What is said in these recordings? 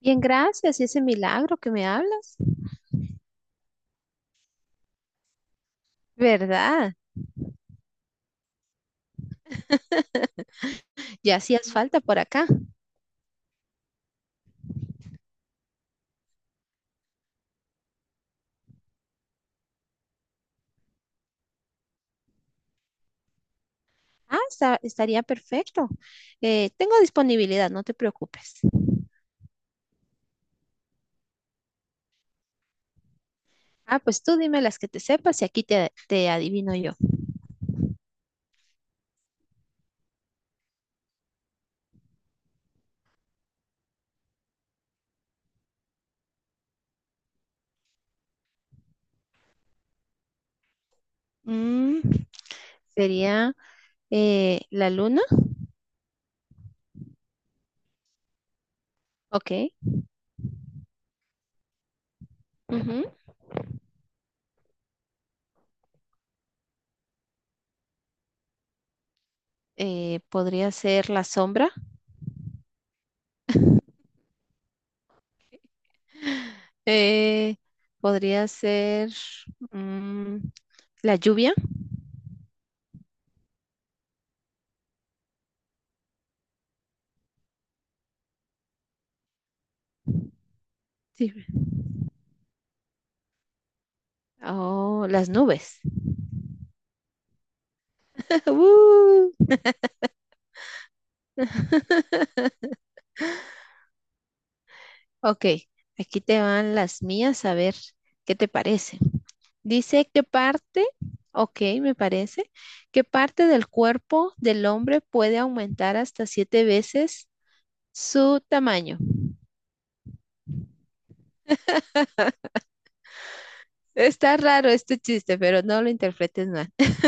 Bien, gracias, y ese milagro que me hablas, ¿verdad? Ya hacías falta por acá. Estaría perfecto. Tengo disponibilidad, no te preocupes. Ah, pues tú dime las que te sepas y aquí te adivino yo. Mm, sería la luna, ok. Ujú, podría ser la sombra. eh, podría ser mm, la lluvia, sí, o las nubes. ¡Uh! Ok, aquí te van las mías, a ver qué te parece. Dice qué parte, ok, Me parece, qué parte del cuerpo del hombre puede aumentar hasta 7 veces su tamaño. Está raro este chiste, pero no lo interpretes mal.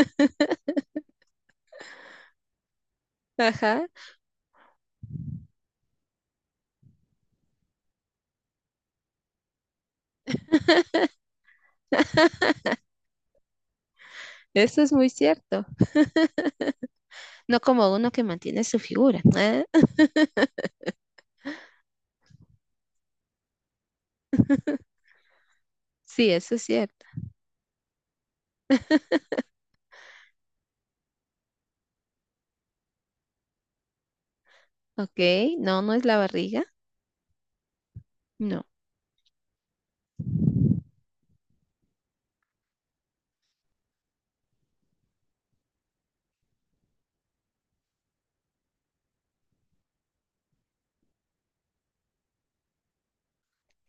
Ajá, eso es muy cierto. No como uno que mantiene su figura, ¿eh? Sí, eso es cierto. Ok, no, no es la barriga. No,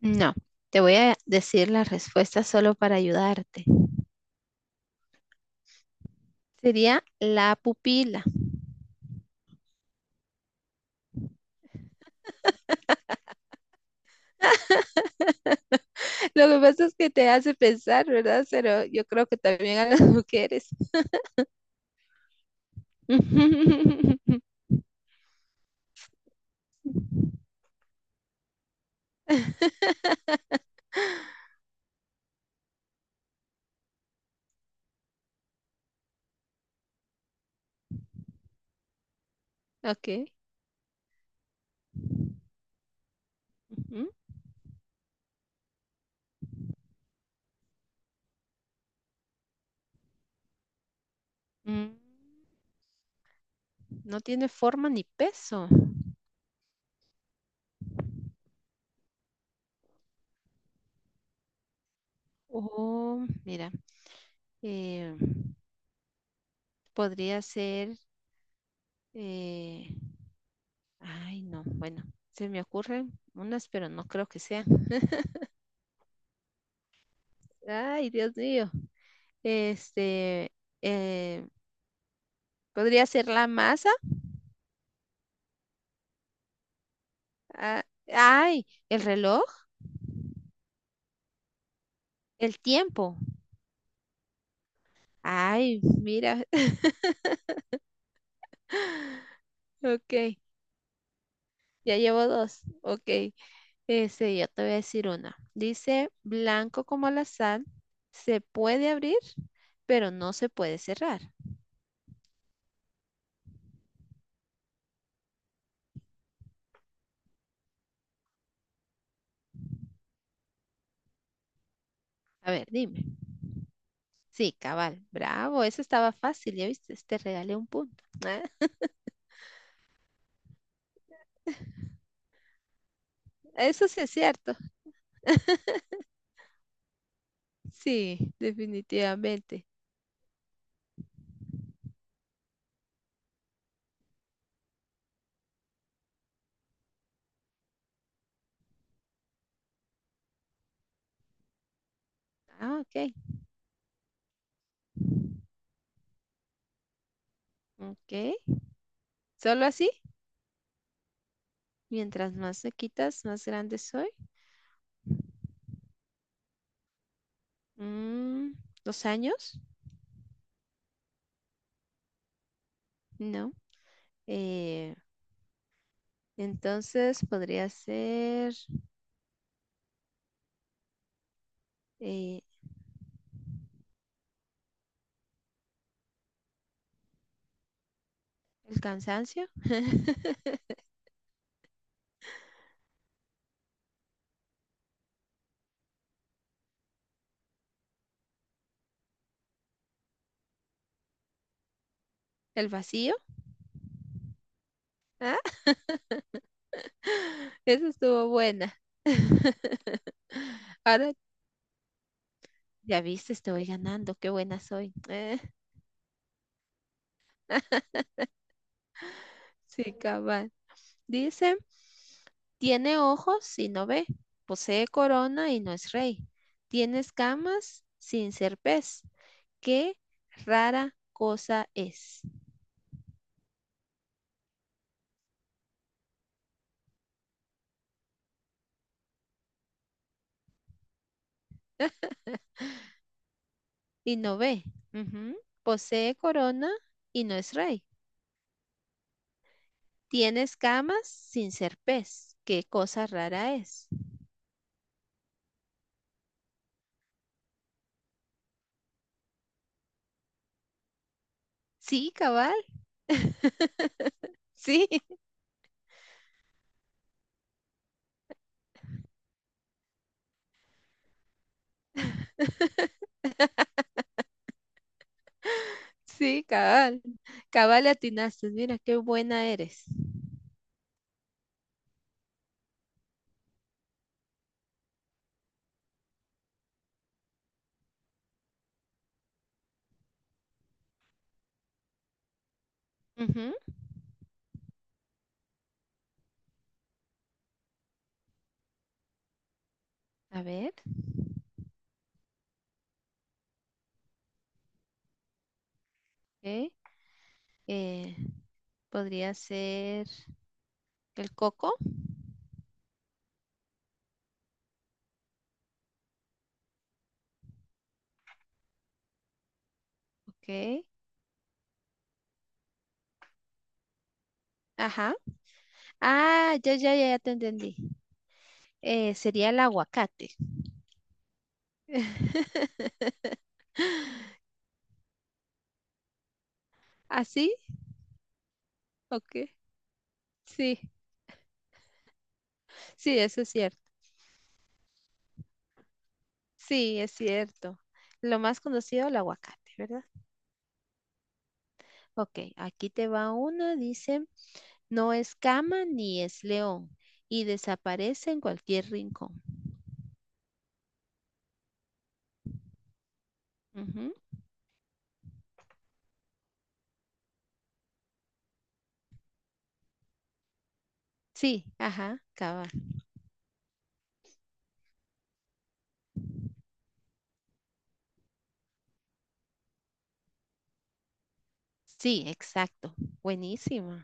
no. Te voy a decir la respuesta solo para ayudarte. Sería la pupila. Lo que pasa es que te hace pensar, ¿verdad? Pero yo creo que también a las mujeres. Ok. Ujú. Mm, no tiene forma ni peso. Oh, mira. Eh, podría ser. Eh, Ay, no. Bueno, se me ocurren unas, pero no creo que sean. Ay, Dios mío. Este. eh, Podría ser la masa. Ah, ay, el reloj. El tiempo. Ay, mira. Ok, ya llevo dos. Ok, ese, yo te voy a decir una. Dice, blanco como la sal, se puede abrir, pero no se puede cerrar. A ver, dime. Sí, cabal, bravo, eso estaba fácil, ya viste, te regalé un punto. Ah, eso sí es cierto. Sí, definitivamente. Ah, ok, ok. ¿Solo así? Mientras más me quitas, más grande soy. Mm, ¿dos años? No. Eh, entonces podría ser eh, el cansancio, el vacío. Ah, esa estuvo buena. Ahora ya viste, estoy ganando. Qué buena soy. Sí, cabal. Dice, tiene ojos y no ve, posee corona y no es rey, tiene escamas sin ser pez. Qué rara cosa es. Y no ve. Ujú. Posee corona y no es rey. Tiene escamas sin ser pez. Qué cosa rara es. Sí, cabal. Sí, sí, cabal. Cabal le atinaste. Mira, qué buena eres. Ujú. A ver, ok, eh, podría ser el coco. Ok. Ajá. Ah, ya, ya, ya, ya te entendí. Sería el aguacate. ¿Así? Ok. Sí. Sí, eso es cierto. Sí, es cierto. Lo más conocido, el aguacate, ¿verdad? Ok, aquí te va una, dice, no es cama ni es león y desaparece en cualquier rincón. Ujú. Sí, ajá, cabal. Sí, exacto. Buenísima.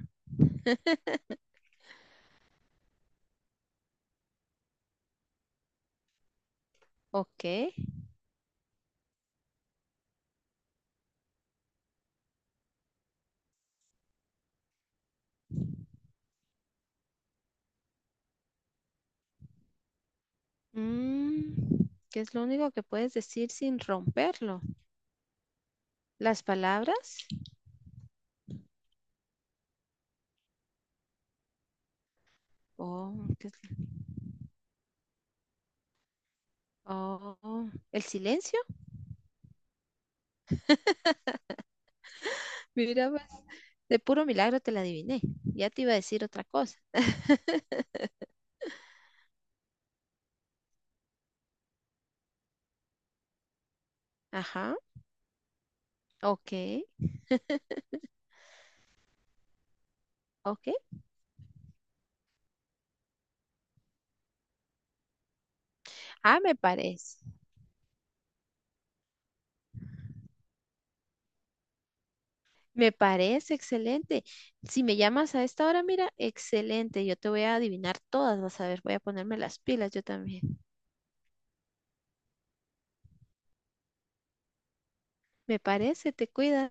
Ok. Mm, ¿qué es lo único que puedes decir sin romperlo? ¿Las palabras? Oh, ¿qué es? Oh, ¿el silencio? Mira, pues. De puro milagro te la adiviné. Ya te iba a decir otra cosa. Ajá, ok, ok. Ah, me parece. Me parece excelente. Si me llamas a esta hora, mira, excelente. Yo te voy a adivinar todas, vas a ver. Voy a ponerme las pilas yo también. Me parece, te cuidas.